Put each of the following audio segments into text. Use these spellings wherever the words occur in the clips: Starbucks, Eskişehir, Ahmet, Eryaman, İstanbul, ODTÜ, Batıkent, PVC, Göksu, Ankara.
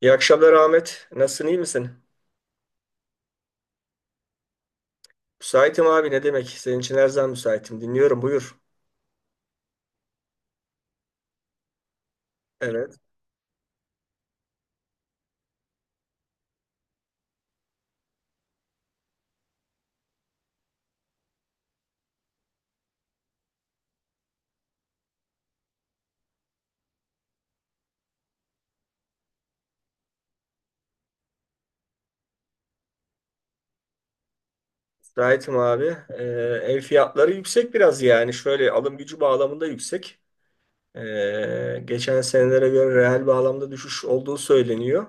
İyi akşamlar Ahmet. Nasılsın, iyi misin? Müsaitim abi ne demek? Senin için her zaman müsaitim. Dinliyorum buyur. Evet, müsaitim abi. Ev fiyatları yüksek biraz yani. Şöyle alım gücü bağlamında yüksek. Geçen senelere göre reel bağlamda düşüş olduğu söyleniyor.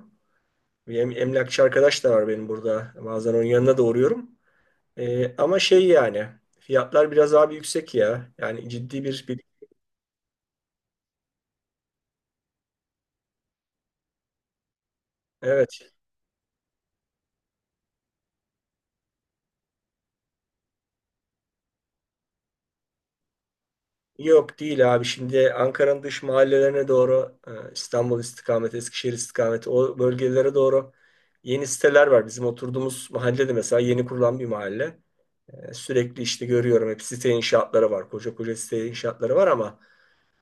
Bir emlakçı arkadaş da var benim burada. Bazen onun yanına da uğruyorum. Ama şey yani fiyatlar biraz abi yüksek ya. Yani ciddi bir, evet. Yok değil abi. Şimdi Ankara'nın dış mahallelerine doğru İstanbul istikameti, Eskişehir istikameti o bölgelere doğru yeni siteler var. Bizim oturduğumuz mahallede mesela yeni kurulan bir mahalle. Sürekli işte görüyorum hep site inşaatları var. Koca koca site inşaatları var ama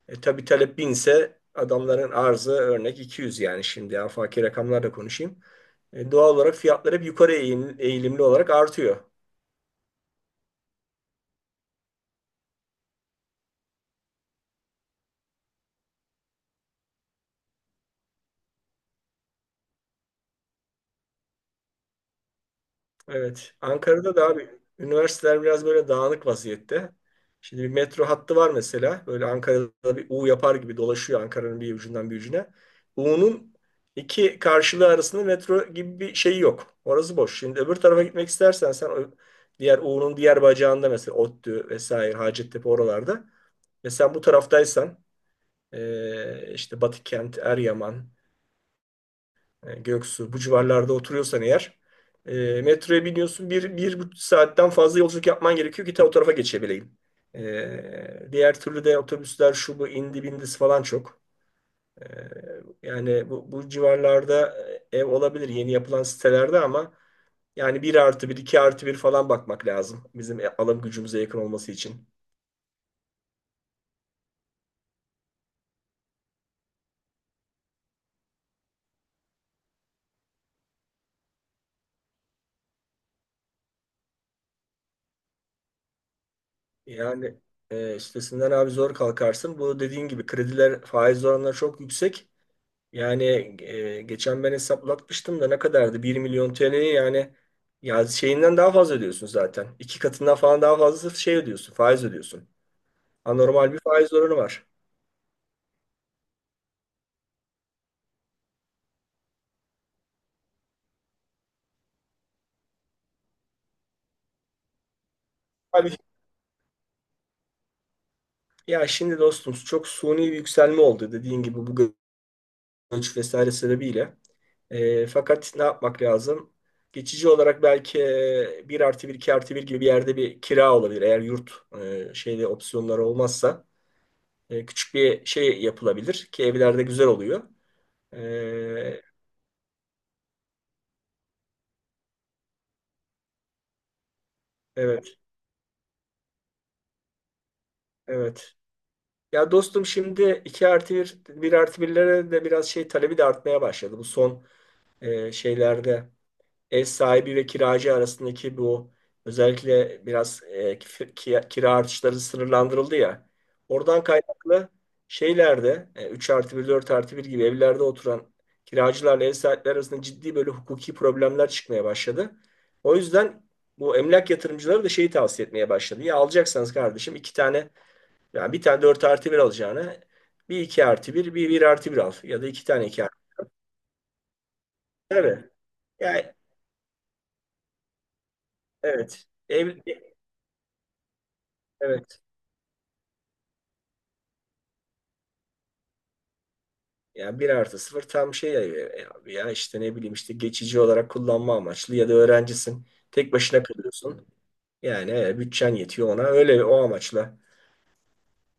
tabii talep binse adamların arzı örnek 200, yani şimdi afaki rakamlarla konuşayım. Doğal olarak fiyatlar hep yukarı eğilimli olarak artıyor. Evet. Ankara'da da abi üniversiteler biraz böyle dağınık vaziyette. Şimdi bir metro hattı var mesela. Böyle Ankara'da bir U yapar gibi dolaşıyor Ankara'nın bir ucundan bir ucuna. U'nun iki karşılığı arasında metro gibi bir şey yok. Orası boş. Şimdi öbür tarafa gitmek istersen sen o diğer U'nun diğer bacağında mesela ODTÜ vesaire Hacettepe oralarda. Mesela bu taraftaysan işte Batıkent, Eryaman, Göksu bu civarlarda oturuyorsan eğer, metroya biniyorsun 1,5 saatten fazla yolculuk yapman gerekiyor ki ta o tarafa geçebileyim. Diğer türlü de otobüsler şu bu indi bindisi falan çok. E, yani bu civarlarda ev olabilir yeni yapılan sitelerde ama yani bir artı bir 2 artı bir falan bakmak lazım bizim alım gücümüze yakın olması için. Yani üstesinden abi zor kalkarsın. Bu dediğin gibi krediler faiz oranları çok yüksek. Yani geçen ben hesaplatmıştım da ne kadardı? 1 milyon TL'ye yani ya şeyinden daha fazla ödüyorsun zaten. İki katından falan daha fazla şey ödüyorsun, faiz ödüyorsun. Anormal bir faiz oranı var. Abi ya şimdi dostum çok suni bir yükselme oldu dediğin gibi bu göç vesaire sebebiyle. Fakat ne yapmak lazım? Geçici olarak belki 1 artı bir 2 artı bir gibi bir yerde bir kira olabilir. Eğer yurt şeyde opsiyonları olmazsa küçük bir şey yapılabilir ki evlerde güzel oluyor. Ee, evet, evet. Ya dostum şimdi 2 artı bir, bir artı birlere de biraz şey talebi de artmaya başladı. Bu son şeylerde ev sahibi ve kiracı arasındaki bu özellikle biraz kira artışları sınırlandırıldı ya. Oradan kaynaklı şeylerde 3 artı bir 4 artı bir gibi evlerde oturan kiracılarla ev sahipleri arasında ciddi böyle hukuki problemler çıkmaya başladı. O yüzden bu emlak yatırımcıları da şeyi tavsiye etmeye başladı. Ya alacaksanız kardeşim iki tane, yani bir tane 4 artı bir alacağına bir 2 artı bir bir artı bir al ya da iki tane iki artı 1. Tabii. Yani, evet. Ev, evet. Ya bir artı sıfır tam şey ya, ya abi ya işte ne bileyim işte geçici olarak kullanma amaçlı ya da öğrencisin tek başına kalıyorsun. Yani bütçen yetiyor ona öyle o amaçla.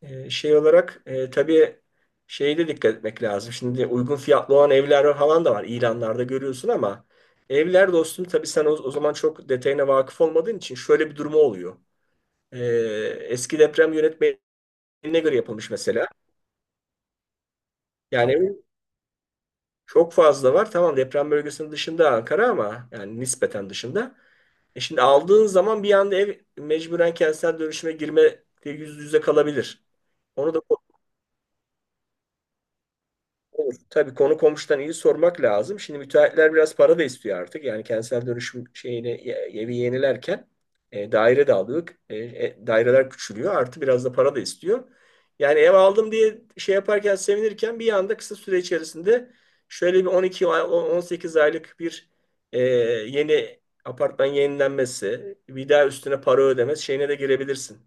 Şey olarak tabii şeye de dikkat etmek lazım. Şimdi uygun fiyatlı olan evler falan da var ilanlarda görüyorsun ama evler dostum tabii sen o zaman çok detayına vakıf olmadığın için şöyle bir durumu oluyor. E, eski deprem yönetmeliğine göre yapılmış mesela. Yani çok fazla var. Tamam deprem bölgesinin dışında Ankara ama yani nispeten dışında. Şimdi aldığın zaman bir anda ev mecburen kentsel dönüşüme girme yüz yüze kalabilir. Onu da olur. Tabii konu komşudan iyi sormak lazım. Şimdi müteahhitler biraz para da istiyor artık. Yani kentsel dönüşüm şeyini evi yenilerken daire de aldık. Daireler küçülüyor. Artı biraz da para da istiyor. Yani ev aldım diye şey yaparken sevinirken bir anda kısa süre içerisinde şöyle bir 18 aylık bir e, yeni apartman yenilenmesi, bir daha üstüne para ödemesi şeyine de girebilirsin.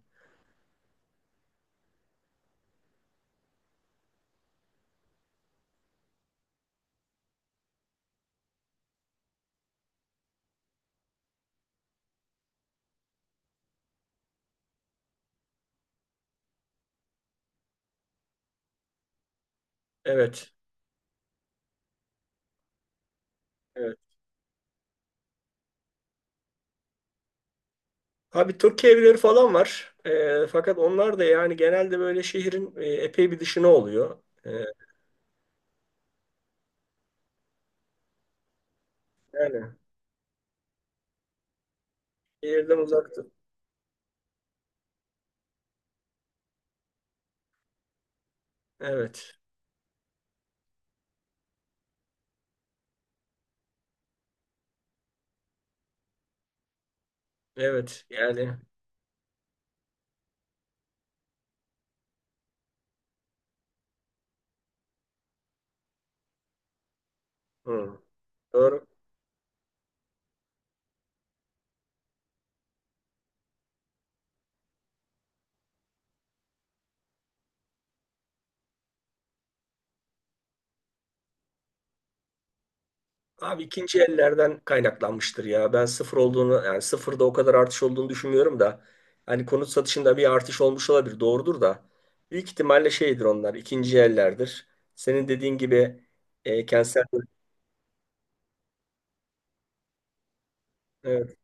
Evet. Evet. Abi Türk evleri falan var. Fakat onlar da yani genelde böyle şehrin epey bir dışına oluyor. Yani şehirden uzaktı. Evet. Evet. Yani hı. Doğru. Abi ikinci ellerden kaynaklanmıştır ya. Ben sıfır olduğunu, yani sıfırda o kadar artış olduğunu düşünmüyorum da. Hani konut satışında bir artış olmuş olabilir. Doğrudur da. Büyük ihtimalle şeydir onlar. İkinci ellerdir. Senin dediğin gibi kentsel, evet,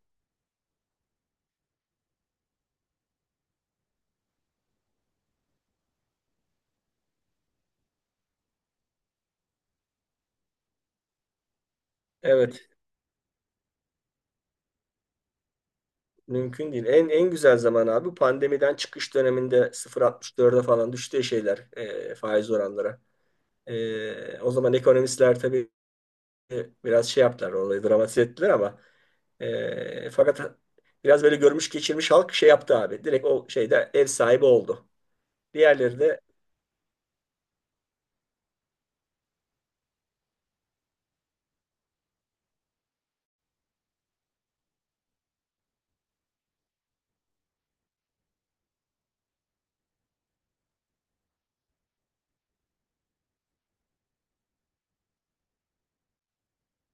evet. Mümkün değil. En güzel zaman abi pandemiden çıkış döneminde 0,64'e falan düştüğü şeyler, faiz oranları. O zaman ekonomistler tabii biraz şey yaptılar, olayı dramatize ettiler ama fakat biraz böyle görmüş geçirmiş halk şey yaptı abi. Direkt o şeyde ev sahibi oldu. Diğerleri de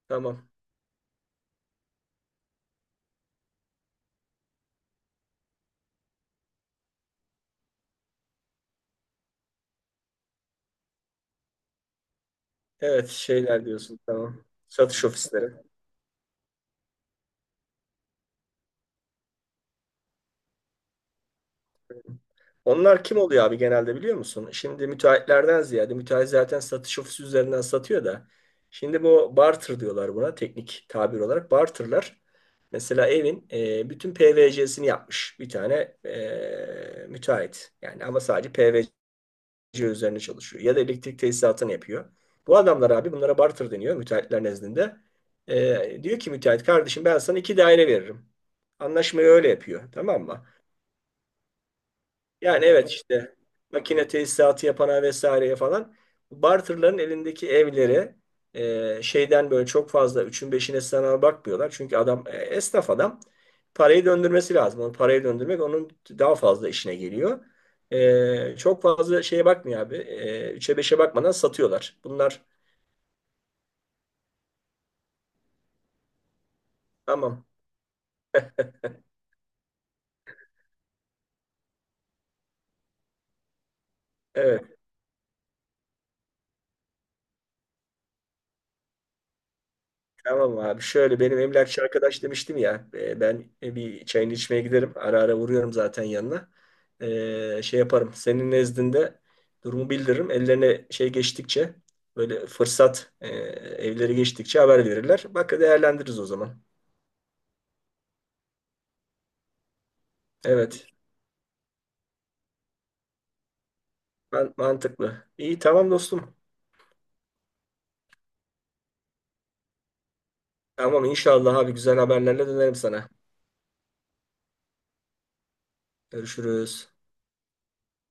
tamam. Evet, şeyler diyorsun, tamam. Satış ofisleri. Onlar kim oluyor abi genelde biliyor musun? Şimdi müteahhitlerden ziyade müteahhit zaten satış ofisi üzerinden satıyor da. Şimdi bu barter diyorlar buna, teknik tabir olarak. Barterlar mesela evin bütün PVC'sini yapmış bir tane müteahhit. Yani ama sadece PVC üzerine çalışıyor. Ya da elektrik tesisatını yapıyor. Bu adamlar abi, bunlara barter deniyor müteahhitler nezdinde. Diyor ki müteahhit, kardeşim ben sana iki daire veririm. Anlaşmayı öyle yapıyor, tamam mı? Yani evet işte makine tesisatı yapana vesaireye falan bu barterların elindeki evleri şeyden böyle çok fazla üçün beşine sana bakmıyorlar. Çünkü adam, esnaf adam, parayı döndürmesi lazım. Onu, parayı döndürmek onun daha fazla işine geliyor. Çok fazla şeye bakmıyor abi. Üçe beşe bakmadan satıyorlar. Bunlar tamam. Evet. Tamam abi, şöyle benim emlakçı arkadaş demiştim ya, ben bir çayını içmeye giderim, ara ara vuruyorum zaten yanına. Şey yaparım senin nezdinde, durumu bildiririm, ellerine şey geçtikçe, böyle fırsat, evleri geçtikçe haber verirler, bak değerlendiririz o zaman. Evet, ben, mantıklı, iyi, tamam dostum. Tamam inşallah abi, güzel haberlerle dönerim sana. Görüşürüz.